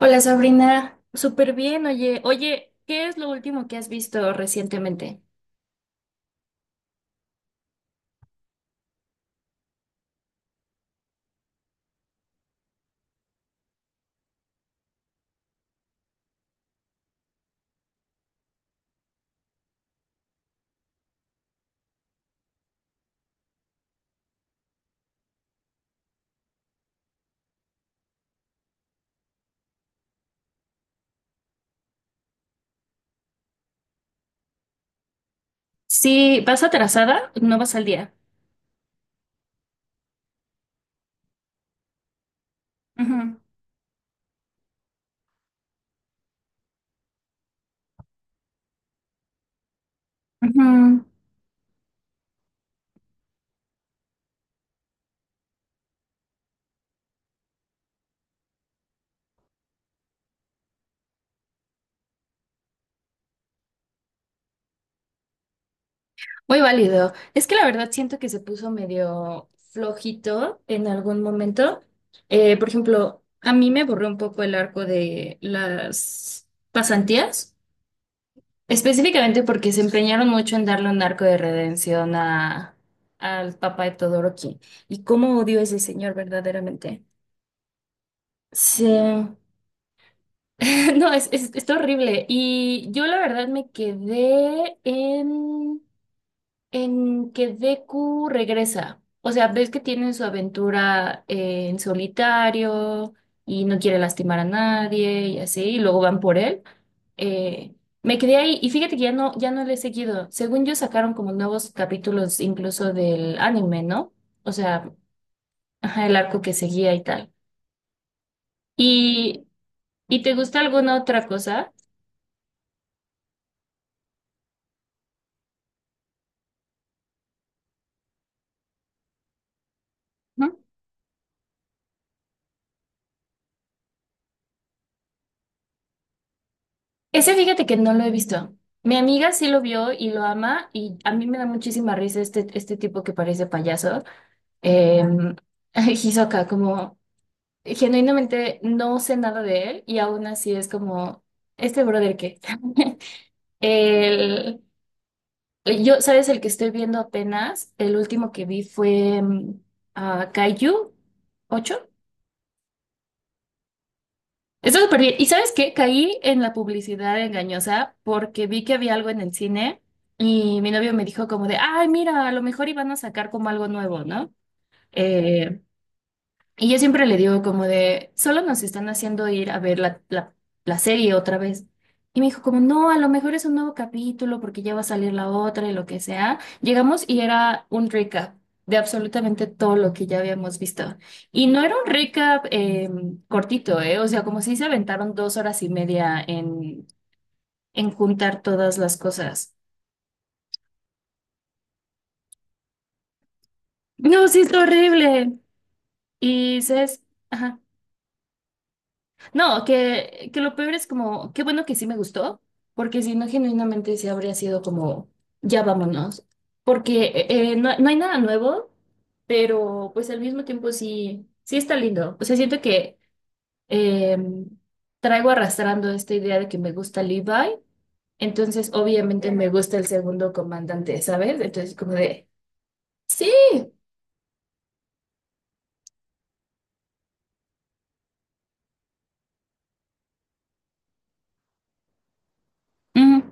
Hola Sabrina, súper bien, oye, oye, ¿qué es lo último que has visto recientemente? Si vas atrasada, no vas al día. Ujú, ujú. Muy válido. Es que la verdad siento que se puso medio flojito en algún momento. Por ejemplo, a mí me borró un poco el arco de las pasantías, específicamente porque se empeñaron mucho en darle un arco de redención a, al papá de Todoroki. Y cómo odio a ese señor verdaderamente. Sí, no, es, está horrible. Y yo la verdad me quedé en que Deku regresa. O sea, ves que tiene su aventura en solitario y no quiere lastimar a nadie y así, y luego van por él. Eh, Me quedé ahí y fíjate que ya no le he seguido. Según yo sacaron como nuevos capítulos incluso del anime, ¿no? O sea, ajá, el arco que seguía y tal. ¿Y, y te gusta alguna otra cosa? Ese fíjate que no lo he visto. Mi amiga sí lo vio y lo ama y a mí me da muchísima risa este tipo que parece payaso. Eh, Hisoka, como genuinamente no sé nada de él y aún así es como, ¿este brother qué? El, yo, ¿sabes? El que estoy viendo apenas, el último que vi fue Kaiju 8. Está súper bien. ¿Y sabes qué? Caí en la publicidad engañosa porque vi que había algo en el cine y mi novio me dijo como de, ay, mira, a lo mejor iban a sacar como algo nuevo, ¿no? Eh, y yo siempre le digo como de, solo nos están haciendo ir a ver la serie otra vez. Y me dijo como, no, a lo mejor es un nuevo capítulo porque ya va a salir la otra y lo que sea. Llegamos y era un recap de absolutamente todo lo que ya habíamos visto. Y no era un recap cortito, ¿eh? O sea, como si se aventaron 2 horas y media en juntar todas las cosas. No, sí, es horrible. Y dices, ajá. No, que lo peor es como, qué bueno que sí me gustó, porque si no, genuinamente sí habría sido como, ya vámonos, porque no, no hay nada nuevo, pero pues al mismo tiempo sí, sí está lindo. O sea, siento que eh, traigo arrastrando esta idea de que me gusta Levi, entonces obviamente me gusta el segundo comandante, ¿sabes? Entonces como de, sí, ujú,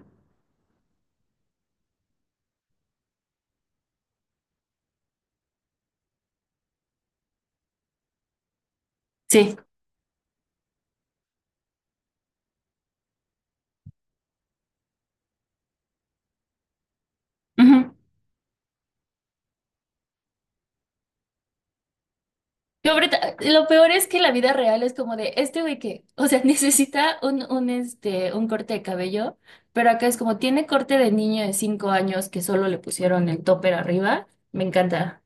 sí, ujú. No, pero ta- lo peor es que la vida real es como de este güey que, o sea, necesita un corte de cabello, pero acá es como tiene corte de niño de 5 años que solo le pusieron el topper arriba. Me encanta.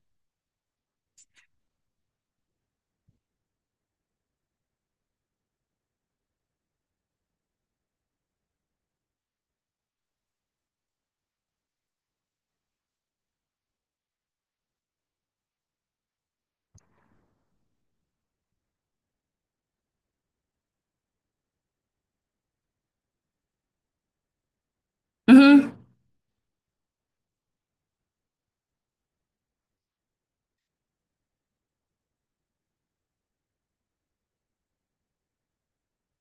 Ujú.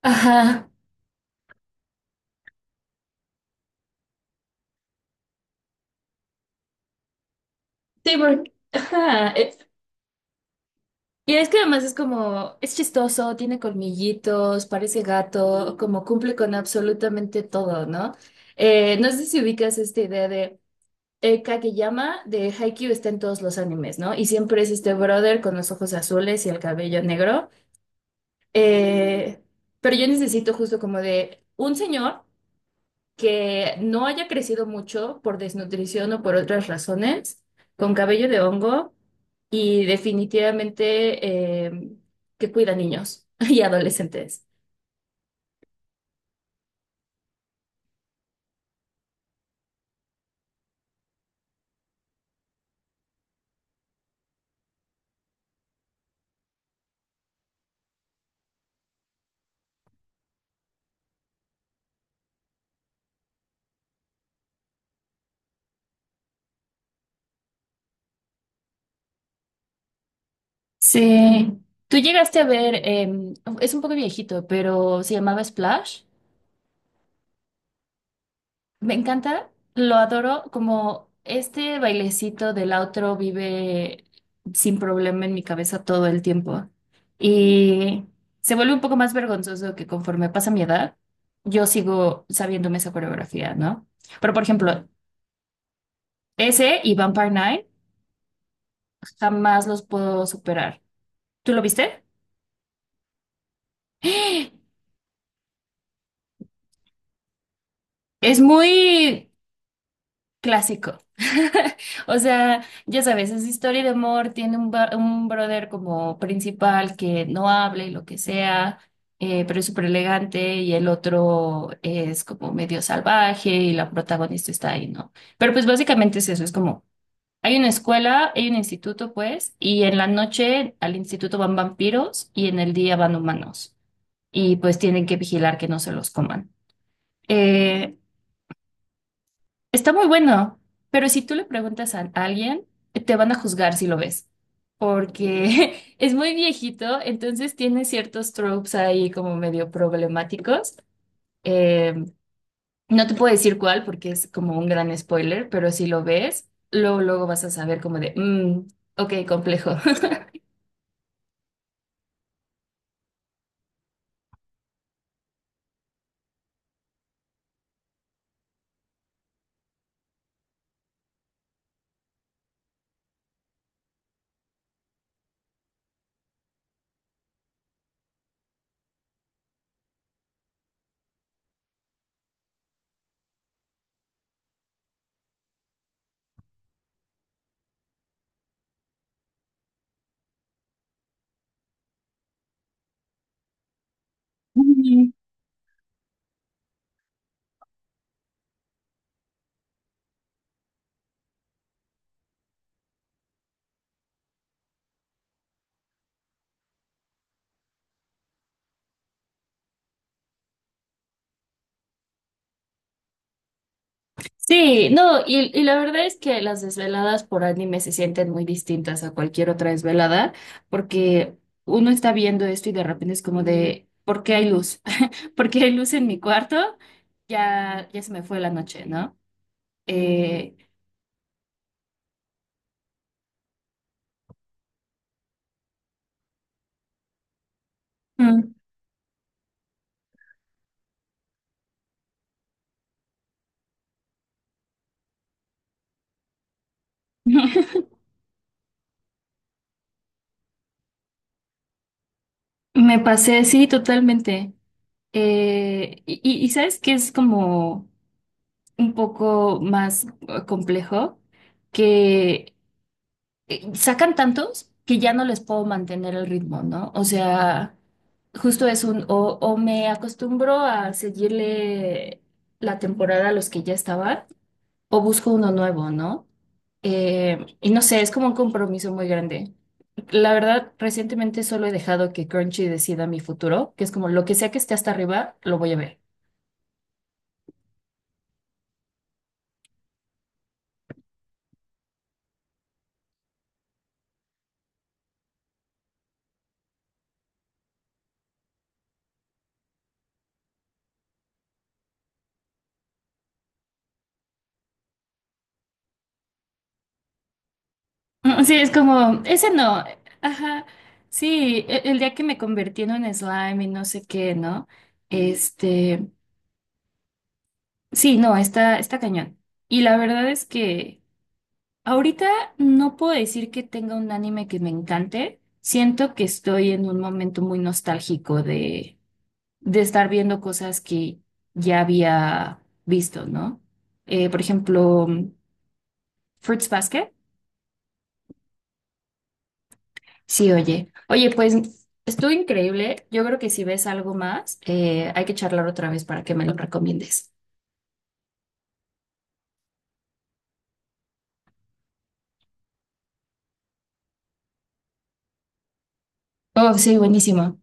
Ajá. Sí, porque. Ajá. Y es que además es como, es chistoso, tiene colmillitos, parece gato, como cumple con absolutamente todo, ¿no? No sé si ubicas esta idea de. Kageyama de Haikyuu está en todos los animes, ¿no? Y siempre es este brother con los ojos azules y el cabello negro. Eh, pero yo necesito justo como de un señor que no haya crecido mucho por desnutrición o por otras razones, con cabello de hongo y definitivamente que cuida niños y adolescentes. Sí, tú llegaste a ver, es un poco viejito, pero se llamaba Splash. Me encanta, lo adoro, como este bailecito del outro vive sin problema en mi cabeza todo el tiempo. Y se vuelve un poco más vergonzoso que conforme pasa mi edad, yo sigo sabiéndome esa coreografía, ¿no? Pero por ejemplo, ese y Vampire Night jamás los puedo superar. ¿Tú lo viste? Es muy clásico. O sea, ya sabes, es historia de amor, tiene un, ba- un brother como principal que no habla y lo que sea, pero es súper elegante y el otro es como medio salvaje y la protagonista está ahí, ¿no? Pero pues básicamente es eso, es como, hay una escuela, hay un instituto, pues, y en la noche al instituto van vampiros y en el día van humanos y pues tienen que vigilar que no se los coman. Eh, Está muy bueno, pero si tú le preguntas a alguien, te van a juzgar si lo ves, porque es muy viejito, entonces tiene ciertos tropes ahí como medio problemáticos. Eh, no te puedo decir cuál porque es como un gran spoiler, pero si lo ves, luego, luego vas a saber como de, "Mm, ok, complejo". Sí, no, y la verdad es que las desveladas por anime se sienten muy distintas a cualquier otra desvelada, porque uno está viendo esto y de repente es como de, ¿por qué hay luz? ¿Por qué hay luz en mi cuarto? Ya, ya se me fue la noche, ¿no? Eh, Mm. Me pasé, sí, totalmente. Y, y sabes que es como un poco más complejo que... sacan tantos que ya no les puedo mantener el ritmo, ¿no? O sea, justo es un, o me acostumbro a seguirle la temporada a los que ya estaban, o busco uno nuevo, ¿no? Y no sé, es como un compromiso muy grande. La verdad, recientemente solo he dejado que Crunchy decida mi futuro, que es como lo que sea que esté hasta arriba, lo voy a ver. Mm, sí, es como, ese no. Ajá. Sí, e- el, día que me convertí en un slime y no sé qué, ¿no? Este, sí, no, está, está cañón. Y la verdad es que ahorita no puedo decir que tenga un anime que me encante. Siento que estoy en un momento muy nostálgico de estar viendo cosas que ya había visto, ¿no? Por ejemplo, Fruits Basket. Sí, oye. Oye, pues estuvo increíble. Yo creo que si ves algo más, hay que charlar otra vez para que me lo recomiendes. Oh, sí, buenísimo.